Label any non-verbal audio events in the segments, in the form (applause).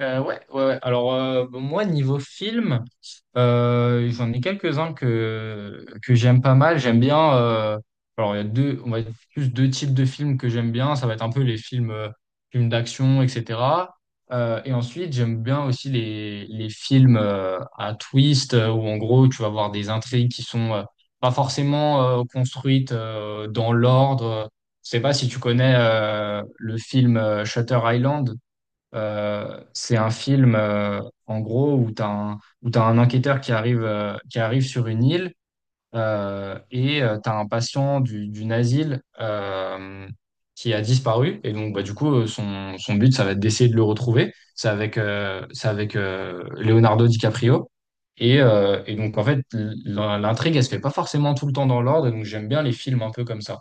Ouais, ouais, ouais. Alors, bon, moi, niveau film, j'en ai quelques-uns que j'aime pas mal. J'aime bien. Alors, il y a deux, on va dire plus deux types de films que j'aime bien. Ça va être un peu les films, films d'action, etc. Et ensuite, j'aime bien aussi les films à twist, où en gros, tu vas voir des intrigues qui sont pas forcément construites dans l'ordre. Je sais pas si tu connais le film Shutter Island. C'est un film, en gros, où t'as un enquêteur qui arrive sur une île et tu as un patient d'une asile qui a disparu. Et donc, bah, du coup, son but, ça va être d'essayer de le retrouver. C'est avec Leonardo DiCaprio. Et donc, en fait, l'intrigue, elle se fait pas forcément tout le temps dans l'ordre. Donc, j'aime bien les films un peu comme ça.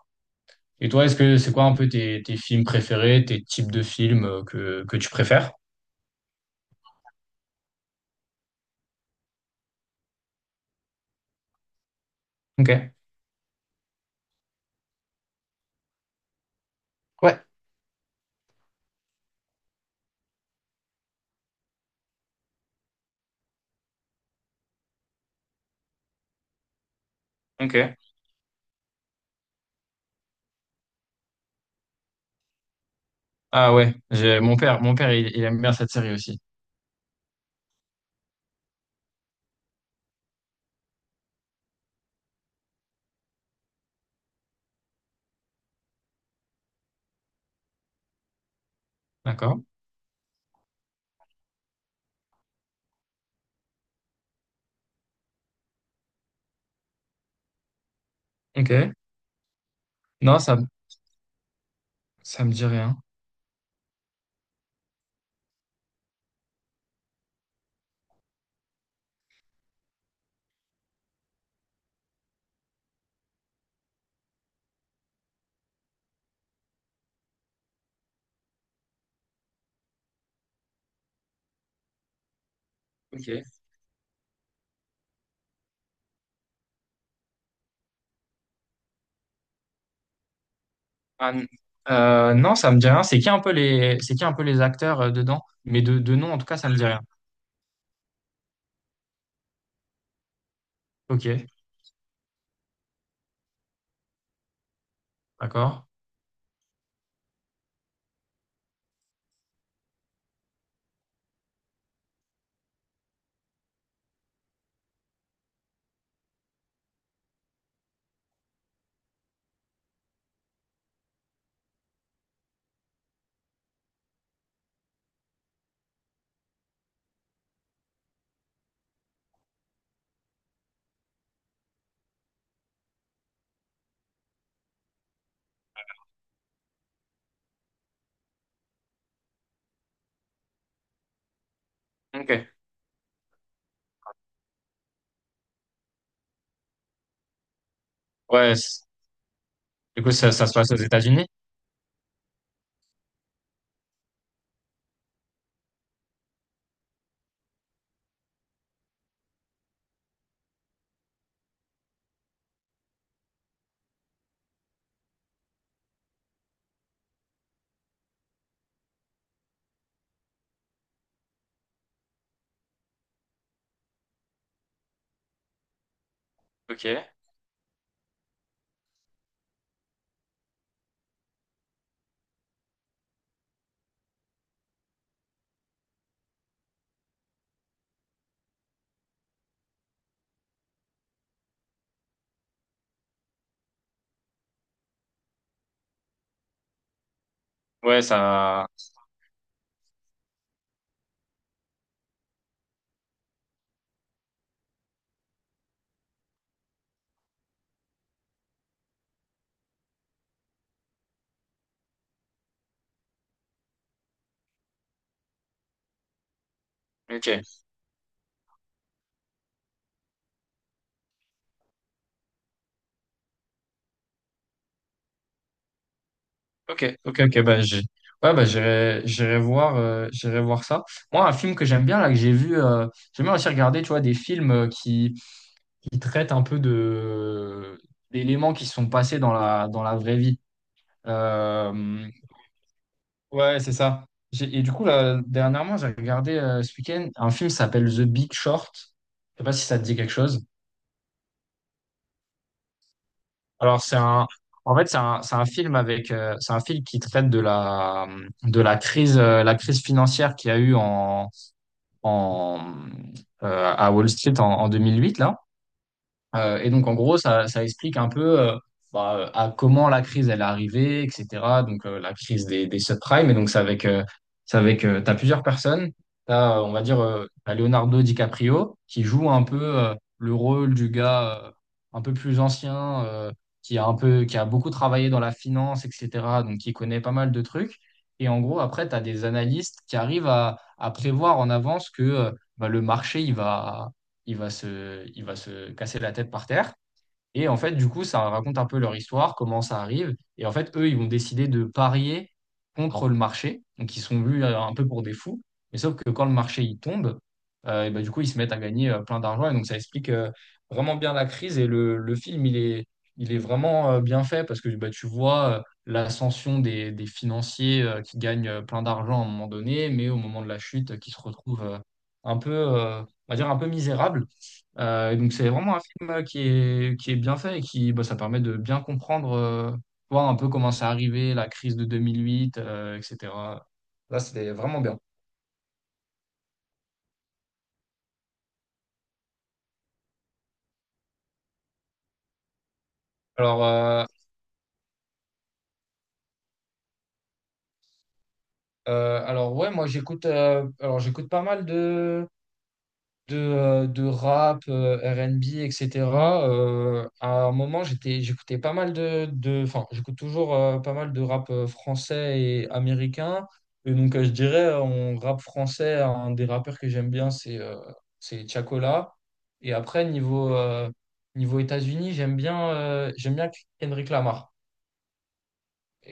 Et toi, est-ce que c'est quoi un peu tes films préférés, tes types de films que tu préfères? Ok. Ouais. Ok. Ah ouais, mon père, il aime bien cette série aussi. D'accord. Ok. Non, ça me dit rien. Ok. Ah, n- non, ça me dit rien. C'est qui un peu les acteurs dedans? Mais de nom, en tout cas, ça me dit rien. Ok. D'accord. Ok. Ouais. Du coup, ça se passe aux États-Unis. Ok. Ouais, ça. Ok. Ok. Ok. Ok. Bah, j'ai. Ouais, bah, j'irai voir ça. Moi, un film que j'aime bien là, que j'ai vu, j'aime bien aussi regarder, tu vois, des films qui il traite un peu de d'éléments qui sont passés dans dans la vraie vie. Euh, ouais, c'est ça. Et du coup, là, dernièrement, j'ai regardé ce week-end un film qui s'appelle The Big Short. Je sais pas si ça te dit quelque chose. Alors, c'est un film avec, c'est un film qui traite de de la crise financière qu'il y a eu en, à Wall Street en 2008 là. Et donc, en gros, ça explique un peu bah, à comment la crise elle est arrivée, etc. Donc, la crise des subprimes. Et donc, c'est avec t'as plusieurs personnes. T'as, on va dire, T'as Leonardo DiCaprio qui joue un peu le rôle du gars un peu plus ancien, qui a un peu, qui a beaucoup travaillé dans la finance, etc. Donc, qui connaît pas mal de trucs. Et en gros, après, t'as des analystes qui arrivent à prévoir en avance que bah, le marché, il va se casser la tête par terre. Et en fait, du coup, ça raconte un peu leur histoire, comment ça arrive. Et en fait, eux, ils vont décider de parier contre le marché. Donc, ils sont vus un peu pour des fous. Mais sauf que quand le marché il tombe, et ben, du coup, ils se mettent à gagner plein d'argent. Et donc, ça explique vraiment bien la crise. Et le film, il est vraiment bien fait parce que bah, tu vois l'ascension des financiers qui gagnent plein d'argent à un moment donné, mais au moment de la chute, qui se retrouvent on va dire, un peu misérables. Et donc c'est vraiment un film qui est bien fait et qui bah, ça permet de bien comprendre voir un peu comment c'est arrivé, la crise de 2008, etc. Là, c'était vraiment bien. Alors, euh, alors, moi j'écoute pas mal de rap, R&B, etc. À un moment, j'écoutais pas mal enfin, j'écoute toujours pas mal de rap français et américain. Et donc, je dirais, en rap français, un des rappeurs que j'aime bien, c'est Tiakola. Et après, niveau États-Unis, j'aime bien Kendrick Lamar.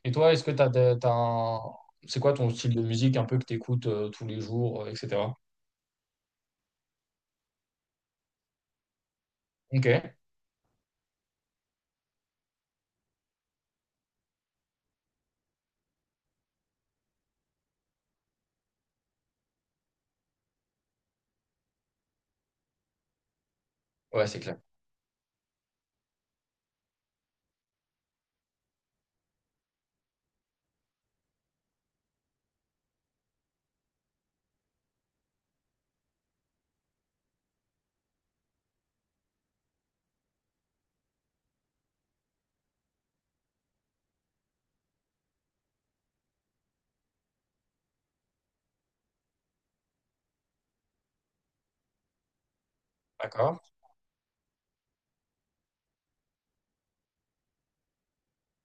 Et toi, est-ce que t'as un... c'est quoi ton style de musique un peu que t'écoutes écoutes tous les jours, etc. Ok, ouais, c'est clair. D'accord.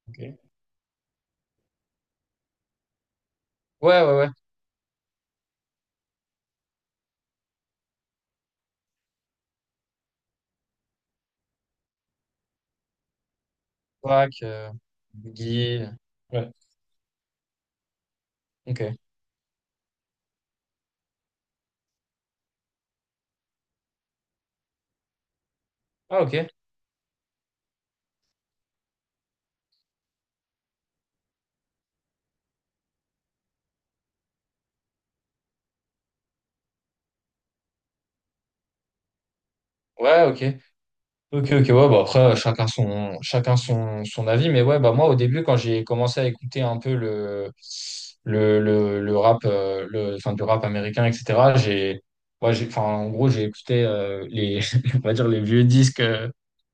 Ok. Ouais, ouais, ouais. Pâques, Guy. Ouais. Ok. Ah, ok. Ouais, ok. Ok, ok, ouais, bah après, chacun son avis, mais ouais, bah moi, au début, quand j'ai commencé à écouter un peu le rap, enfin, du rap américain, etc., ouais, j'ai, enfin, en gros, j'ai écouté les, (laughs) on va dire, les vieux disques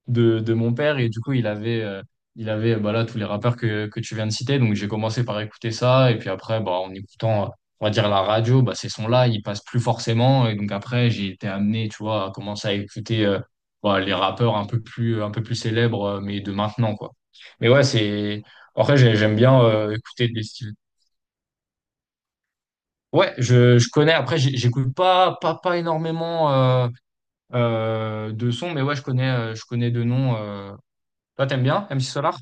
de mon père, et du coup, il avait, bah là, tous les rappeurs que tu viens de citer, donc j'ai commencé par écouter ça, et puis après, bah, en écoutant, on va dire, la radio, bah, ces sons-là, ils passent plus forcément, et donc après, j'ai été amené, tu vois, à commencer à écouter. Bah, les rappeurs un peu plus célèbres, mais de maintenant, quoi. Mais ouais, c'est. Après, j'aime bien écouter des styles. Ouais, je connais. Après, j'écoute pas énormément de sons, mais ouais, je connais de noms. Toi, t'aimes bien MC Solar?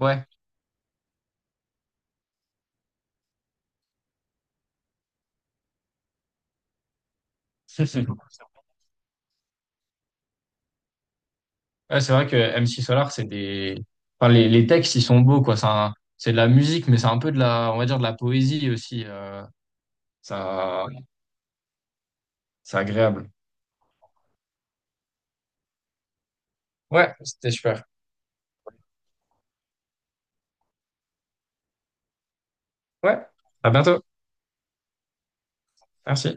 Ouais. (laughs) Ouais, c'est vrai que MC Solar, c'est des. Enfin, les textes, ils sont beaux, quoi. C'est de la musique, mais c'est un peu de on va dire, de la poésie aussi. Ça, c'est agréable. Ouais, c'était super. Ouais, à bientôt. Merci.